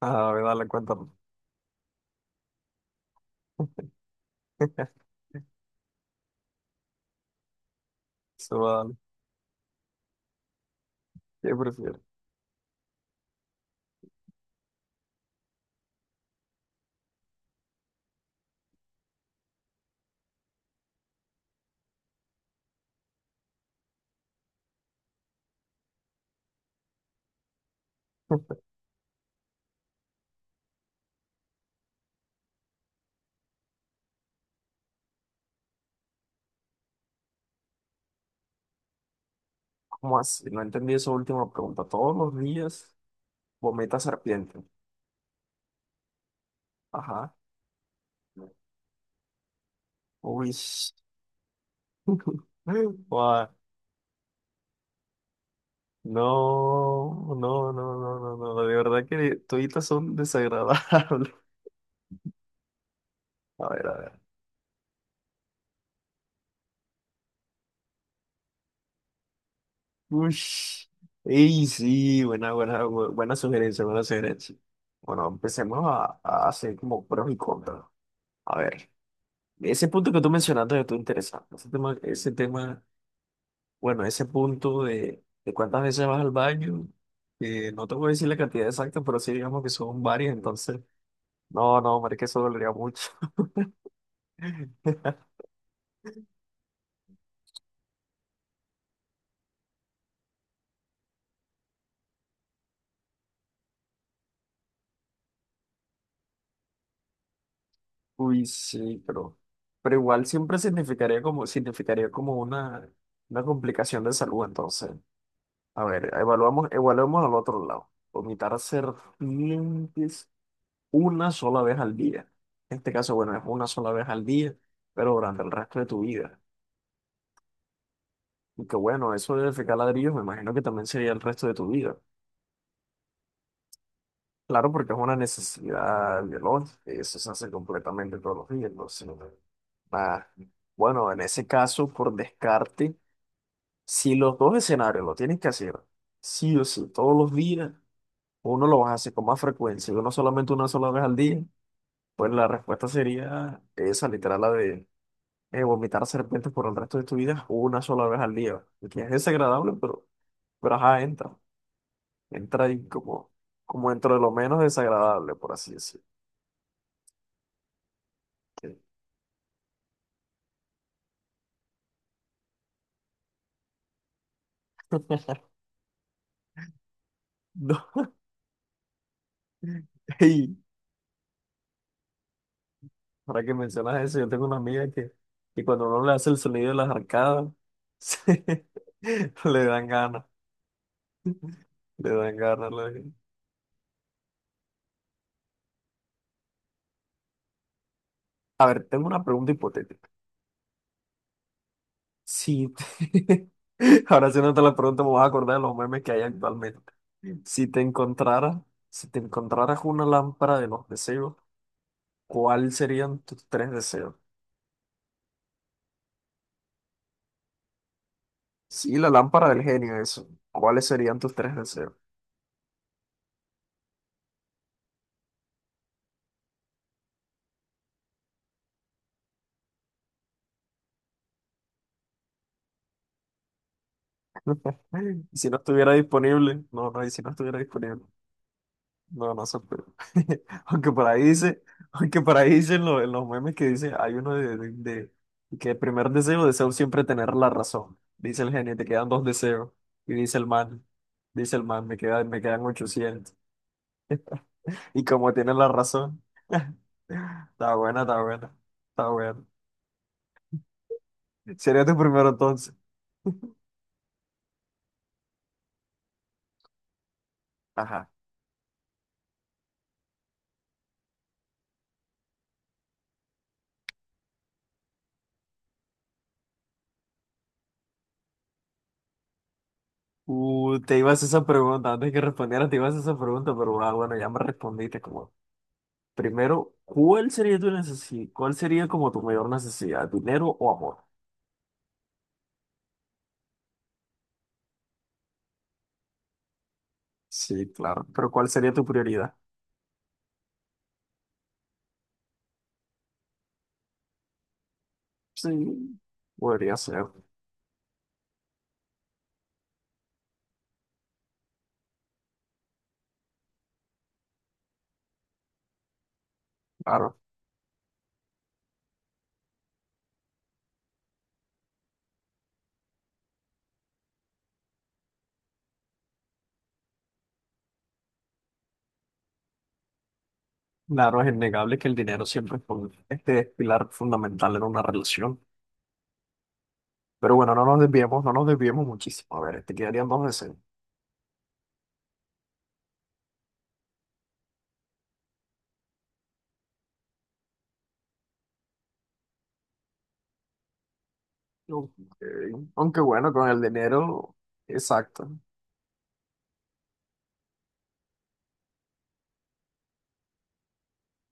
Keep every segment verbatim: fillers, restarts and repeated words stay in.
A ver, dale, cuéntame. Se va a dar. ¿Qué prefieres? ¿Cómo así? No entendí esa última pregunta. Todos los días vomita serpiente. Ajá. Uy. Guau. No, no, no, no, no, no. De verdad que toditas son desagradables. A ver, a ver. Uy. Y sí, buena, buena, bu- buena sugerencia, buena sugerencia. Bueno, empecemos a, a hacer como pros y contras. A ver. Ese punto que tú mencionaste de tú interesante. Ese tema, ese tema, bueno, ese punto de, de cuántas veces vas al baño, eh, no te voy a decir la cantidad exacta, pero sí digamos que son varias, entonces, no, no, marica, eso dolería mucho. Uy, sí, pero, pero igual siempre significaría como, significaría como una, una complicación de salud, entonces. A ver, evaluamos, evaluemos al otro lado. Vomitar serpientes una sola vez al día. En este caso, bueno, es una sola vez al día, pero durante el resto de tu vida. Y que bueno, eso de defecar ladrillos, me imagino que también sería el resto de tu vida. Claro, porque es una necesidad biológica, y eso se hace completamente todos los días, entonces, nada. Bueno, en ese caso, por descarte, si los dos escenarios lo tienes que hacer, sí o sí, todos los días, uno lo vas a hacer con más frecuencia y uno solamente una sola vez al día, pues la respuesta sería esa, literal, la de eh, vomitar serpientes por el resto de tu vida una sola vez al día. Y que es desagradable, pero, pero ajá, entra. Entra ahí como, como dentro de lo menos desagradable, por así decirlo. Que- No, y ahora que mencionas eso, yo tengo una amiga que, que cuando uno le hace el sonido de las arcadas, se- le dan ganas, le dan ganas. le dan- A ver, tengo una pregunta hipotética. Sí, ahora sí, no te la pregunta me voy a acordar de los memes que hay actualmente. Si te encontrara, si te encontraras una lámpara de los deseos, ¿cuáles serían tus tres deseos? Sí, la lámpara del genio, eso. ¿Cuáles serían tus tres deseos? Y si no estuviera disponible, no, no, y si no estuviera disponible. No, no sé pero aunque por ahí dice, aunque por ahí dicen lo- en los memes que dice, hay uno de, de- de- que el primer deseo, deseo siempre tener la razón. Dice el genio, te quedan dos deseos. Y dice el man, dice el man, me quedan, me quedan ochocientos. Y como tiene la razón, está buena, está buena, está buena. Sería tu primero entonces. Ajá. Uh, te ibas a hacer esa pregunta, antes que respondiera te ibas a hacer esa pregunta, pero ah, bueno, ya me respondiste como primero, ¿cuál sería tu necesidad? ¿Cuál sería como tu mayor necesidad? ¿Dinero o amor? Sí, claro. Pero ¿cuál sería tu prioridad? Sí, podría ser, claro. Claro, es innegable que el dinero siempre es un- este es pilar fundamental en una relación. Pero bueno, no nos desviemos, no nos desviemos muchísimo. A ver, te quedarían dos deseos. Ok. Aunque bueno, con el dinero, exacto.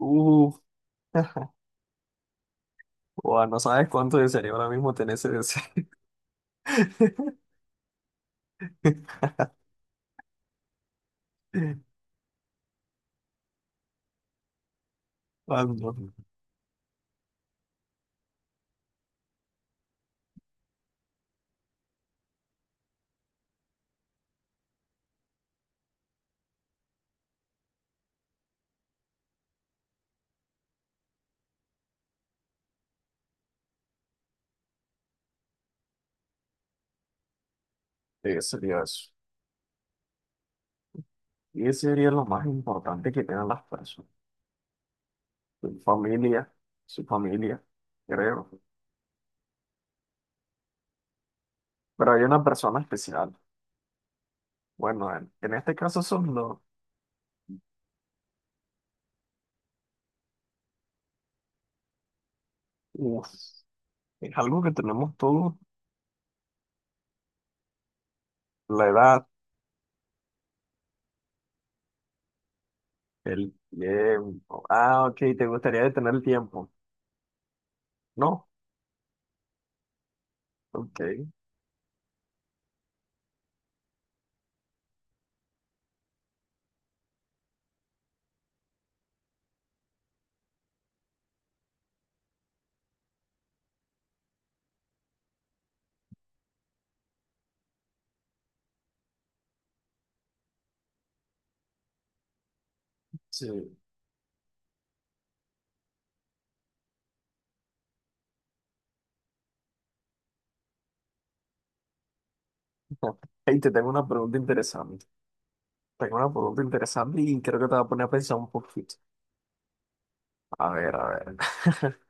Uf, buah, no sabes cuánto desearía ahora mismo tener ese deseo. Ah, no. Sí, sería eso. Y ese sería lo más importante que tienen las personas. Su familia, su familia, creo. Pero hay una persona especial. Bueno, en, en este caso son los... uf, es algo que tenemos todos. La edad, el tiempo. Ah, ok, ¿te gustaría detener el tiempo? No, ok, sí. Hey, te tengo una pregunta interesante. Tengo una pregunta interesante y creo que te va a poner a pensar un poquito. A ver, a ver.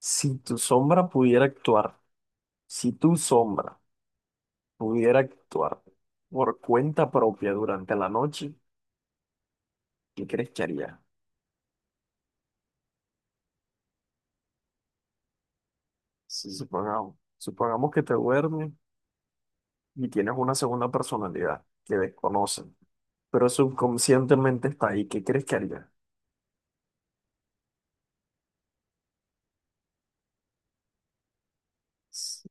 Si tu sombra pudiera actuar, si tu sombra pudiera actuar por cuenta propia durante la noche, ¿qué crees que haría? Si supongamos, supongamos que te duermes y tienes una segunda personalidad que desconocen, pero subconscientemente está ahí, ¿qué crees que haría? Sí,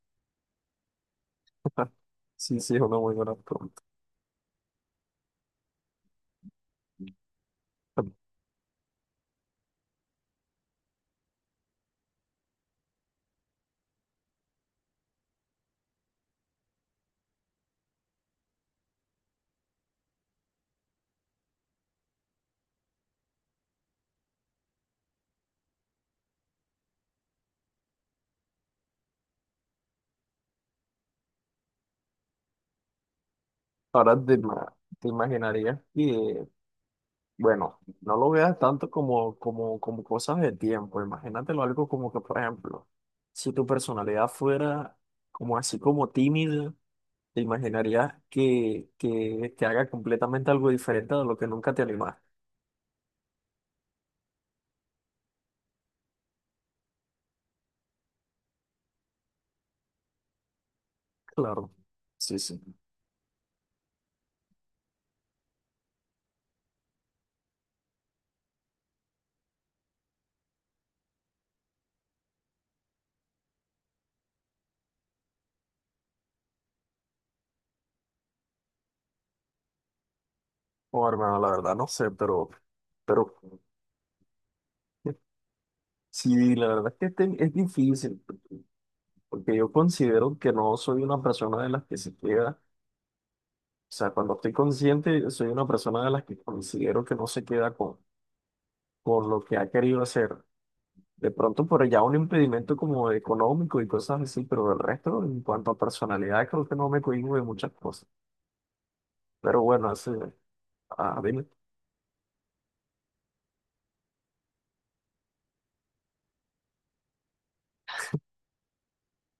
sí, sí, es una muy buena pregunta. Ahora te, ima- te imaginarías que, bueno, no lo veas tanto como, como, como cosas de tiempo. Imagínatelo algo como que, por ejemplo, si tu personalidad fuera como así como tímida, te imaginarías que, que, que haga completamente algo diferente de lo que nunca te animaste. Claro. Sí, sí. Oh, hermano, la verdad no sé, pero, pero sí, la verdad es que este- es difícil, porque yo considero que no soy una persona de las que se queda, o sea, cuando estoy consciente, soy una persona de las que considero que no se queda con, con lo que ha querido hacer. De pronto por allá un impedimento como económico y cosas así, pero del resto, en cuanto a personalidad, creo que no me cohíbo de muchas cosas. Pero bueno, así. Ah, dime.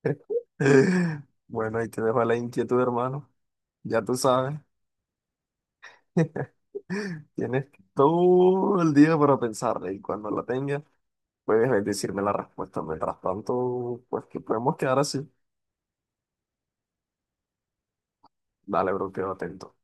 Bueno, ahí te dejo la inquietud, hermano. Ya tú sabes. Tienes todo el día para pensarla y cuando la tengas, puedes decirme la respuesta. Mientras tanto, pues que podemos quedar así. Dale, bro, quedo atento.